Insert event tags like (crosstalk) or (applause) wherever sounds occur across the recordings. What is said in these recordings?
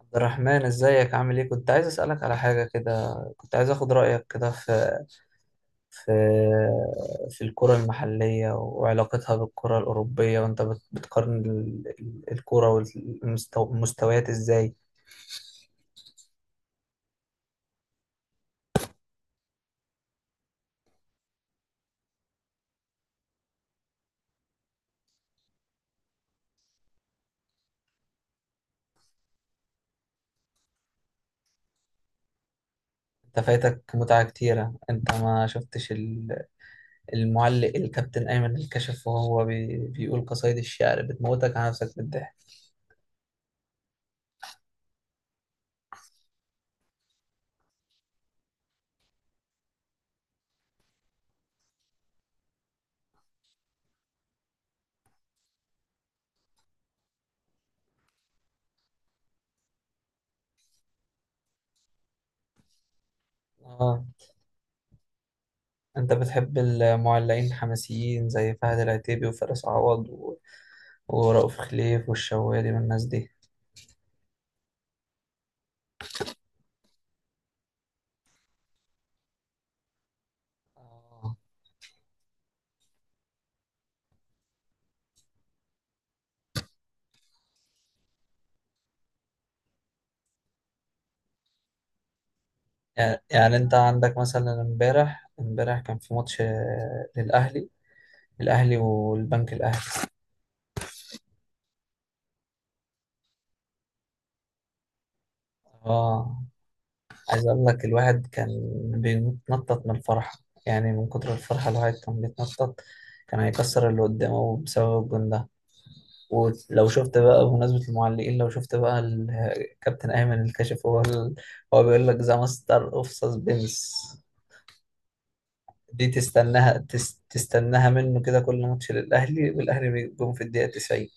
عبد الرحمن، ازيك، عامل ايه؟ كنت عايز اسالك على حاجه كده، كنت عايز اخد رايك كده في في في الكره المحليه وعلاقتها بالكره الاوروبيه، وانت بتقارن الكره والمستويات ازاي؟ انت فايتك متعه كتيره. انت ما شفتش المعلق الكابتن ايمن الكشف وهو بيقول قصايد الشعر بتموتك على نفسك بالضحك؟ اه. انت بتحب المعلقين الحماسيين زي فهد العتيبي وفارس عوض ورؤوف خليف والشوالي والناس دي؟ آه. يعني انت عندك مثلا امبارح امبارح كان في ماتش الاهلي والبنك الاهلي. اه، عايز اقول لك، الواحد كان بيتنطط من الفرحه، يعني من كتر الفرحه الواحد كان بيتنطط، كان هيكسر اللي قدامه بسبب الجون ده. ولو شفت بقى بمناسبه المعلقين، لو شفت بقى الكابتن ايمن الكاشف، هو هو بيقول لك ذا ماستر اوف سسبنس. دي تستناها، تستناها منه كده، كل ماتش للأهلي والأهلي بيجيبهم في الدقيقة 90.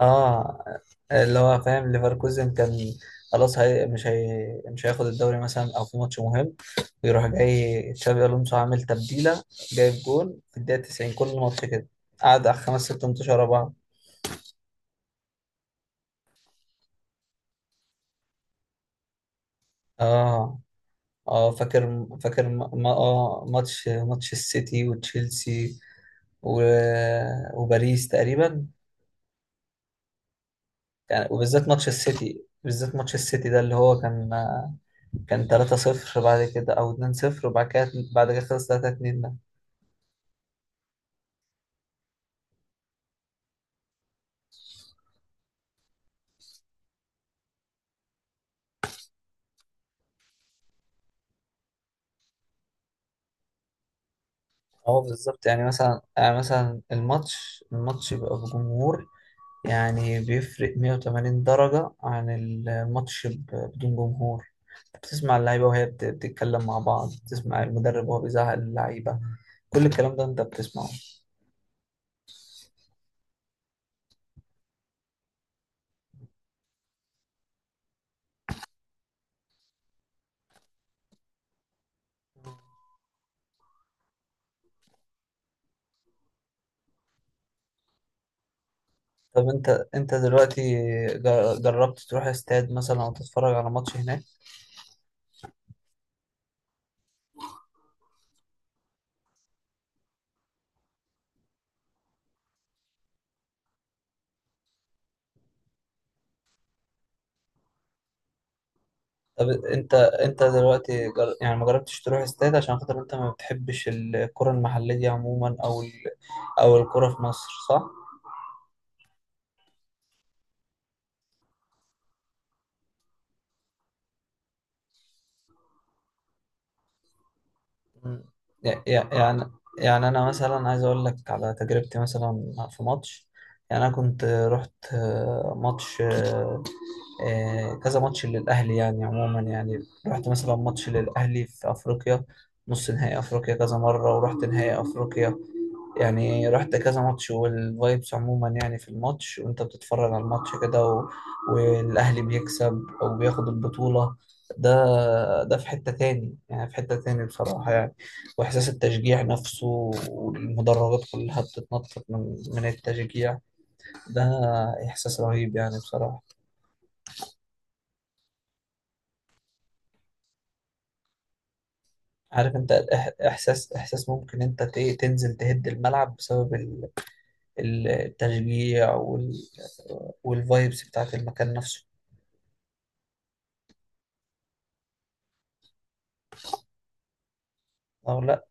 اه. اللي هو، فاهم، ليفركوزن كان خلاص، هي مش هياخد الدوري مثلا، او في ماتش مهم، يروح جاي تشابي الونسو عامل تبديله، جايب جون في الدقيقه 90 كل ماتش كده، قعد على خمس ست ماتشات ورا بعض. اه اه. فاكر، م- ما اه ماتش ماتش السيتي وتشيلسي، و... وباريس تقريبا. يعني، وبالذات ماتش السيتي، بالذات ماتش السيتي ده اللي هو كان، 3-0 بعد كده، او 2-0، وبعد كده بعد كده خلص 3-2 ده. هو بالظبط، يعني مثلا الماتش بيبقى بجمهور، يعني بيفرق 180 درجة عن الماتش بدون جمهور، بتسمع اللعيبة وهي بتتكلم مع بعض، بتسمع المدرب وهو بيزعق اللعيبة، كل الكلام ده انت بتسمعه. طب، انت دلوقتي، جربت تروح استاد مثلا، او تتفرج على ماتش هناك؟ طب، انت دلوقتي، يعني ما جربتش تروح استاد عشان خاطر انت ما بتحبش الكرة المحلية دي عموما، او او الكرة في مصر، صح؟ مم. يع- يع- يعني يعني انا مثلا، عايز اقول لك على تجربتي مثلا في ماتش. يعني انا كنت رحت ماتش كذا ماتش للاهلي، يعني عموما يعني، رحت مثلا ماتش للاهلي في افريقيا، نص نهائي افريقيا كذا مرة، ورحت نهائي افريقيا، يعني رحت كذا ماتش، والفايبس عموما يعني في الماتش وانت بتتفرج على الماتش كده والاهلي بيكسب او بياخد البطولة ده ده في حتة تاني، يعني في حتة تاني بصراحة، يعني واحساس التشجيع نفسه، والمدرجات كلها بتتنطط من التشجيع ده، احساس رهيب يعني بصراحة. عارف انت، احساس ممكن انت تنزل تهد الملعب بسبب التشجيع والفايبس بتاعت المكان نفسه، او لا.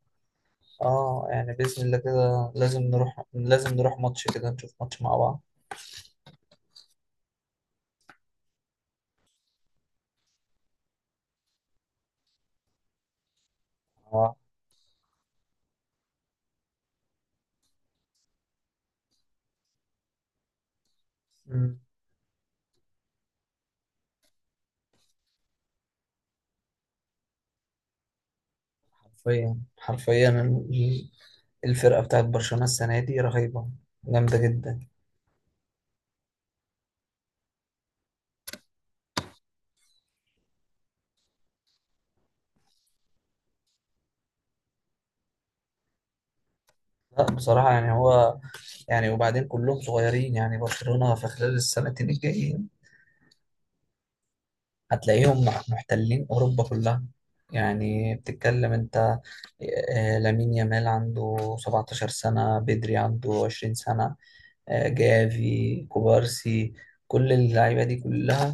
اه، يعني بإذن الله كده، لازم نروح، لازم نروح ماتش كده، نشوف ماتش مع بعض. اه. مم. حرفيا حرفيا، الفرقة بتاعت برشلونة السنة دي رهيبة، جامدة جدا. لا بصراحة يعني هو، يعني وبعدين كلهم صغيرين، يعني برشلونة في خلال السنتين الجايين هتلاقيهم محتلين أوروبا كلها. يعني بتتكلم انت، لامين يامال عنده 17 سنة، بدري عنده 20 سنة، جافي كوبارسي، كل اللعيبة دي كلها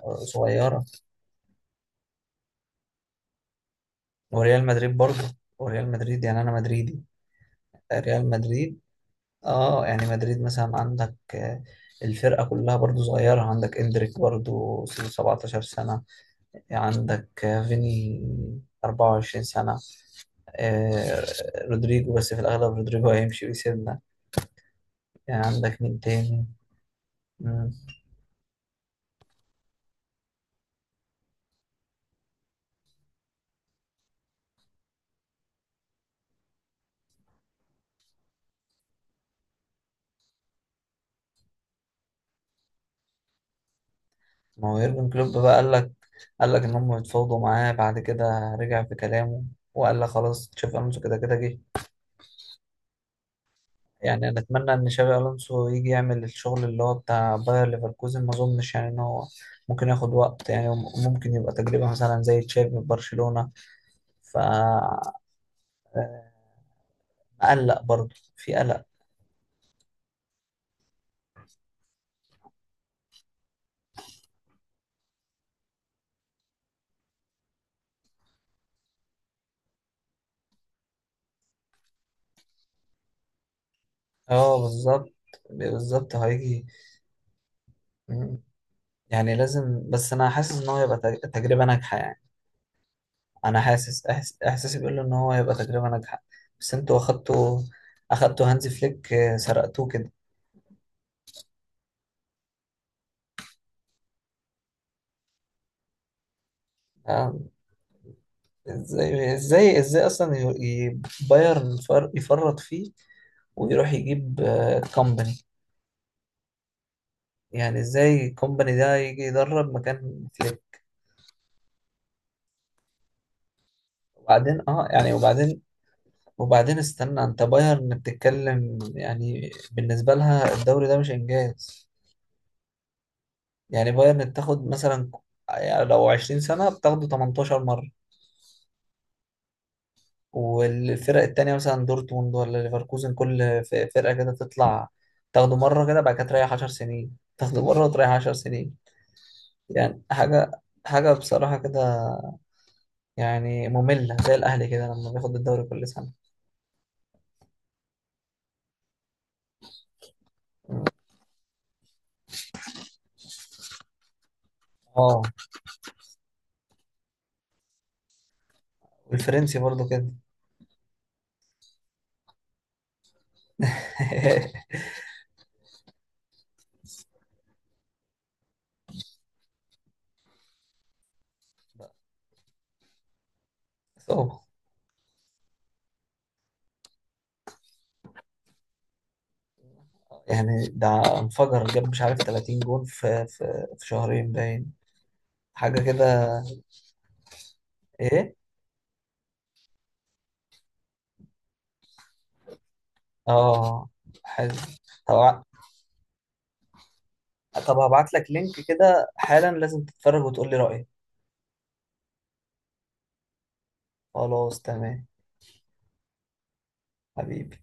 صغيرة. وريال مدريد برضه، وريال مدريد، يعني أنا مدريدي، ريال مدريد. اه، يعني مدريد مثلا، عندك الفرقة كلها برضه صغيرة، عندك إندريك برضه 17 سنة، عندك فيني 24 سنة، آه، رودريجو، بس في الأغلب رودريجو هيمشي ويسيبنا، يعني عندك مين تاني؟ ما هو يورجن كلوب بقى، قال لك ان هم اتفاوضوا معاه، بعد كده رجع في كلامه وقال لك خلاص تشافي الونسو كده كده جه. يعني انا اتمنى ان تشافي الونسو يجي يعمل الشغل اللي هو بتاع باير ليفركوزن، ما اظنش يعني ان هو، ممكن ياخد وقت يعني، ممكن يبقى تجربة مثلا زي تشافي في برشلونة، فقلق، برضه في قلق. اه، بالظبط، بالظبط هيجي. مم. يعني لازم، بس انا حاسس ان هو يبقى تجربة ناجحة، يعني انا حاسس، احساسي بيقول له ان هو هيبقى تجربه ناجحه. بس انتوا اخدتوا، هانز فليك، سرقتوه كده. آه، ازاي ازاي ازاي اصلا، بايرن يفرط فيه، ويروح يجيب كومباني، يعني ازاي كومباني ده يجي يدرب مكان فليك؟ وبعدين، يعني، وبعدين وبعدين استنى، انت بايرن بتتكلم، يعني بالنسبه لها الدوري ده مش انجاز، يعني بايرن بتاخد مثلا، يعني لو 20 سنه بتاخده 18. والفرق التانية مثلا دورتموند ولا ليفركوزن، كل فرقة كده تطلع تاخده مرة كده، بعد كده تريح 10 سنين، تاخده مرة وتريح 10 سنين. يعني حاجة، حاجة بصراحة كده، يعني مملة زي الأهلي كده لما بياخد الدوري كل سنة. اه، والفرنسي برضو كده. (laughs) صعب، يعني ده انفجر جاب مش عارف 30 جون في في, في شهرين باين، حاجة كده، ايه. اه، حلو. طب ع- طب هبعت لك لينك كده حالا، لازم تتفرج وتقول لي رأيك. خلاص، تمام، حبيبي.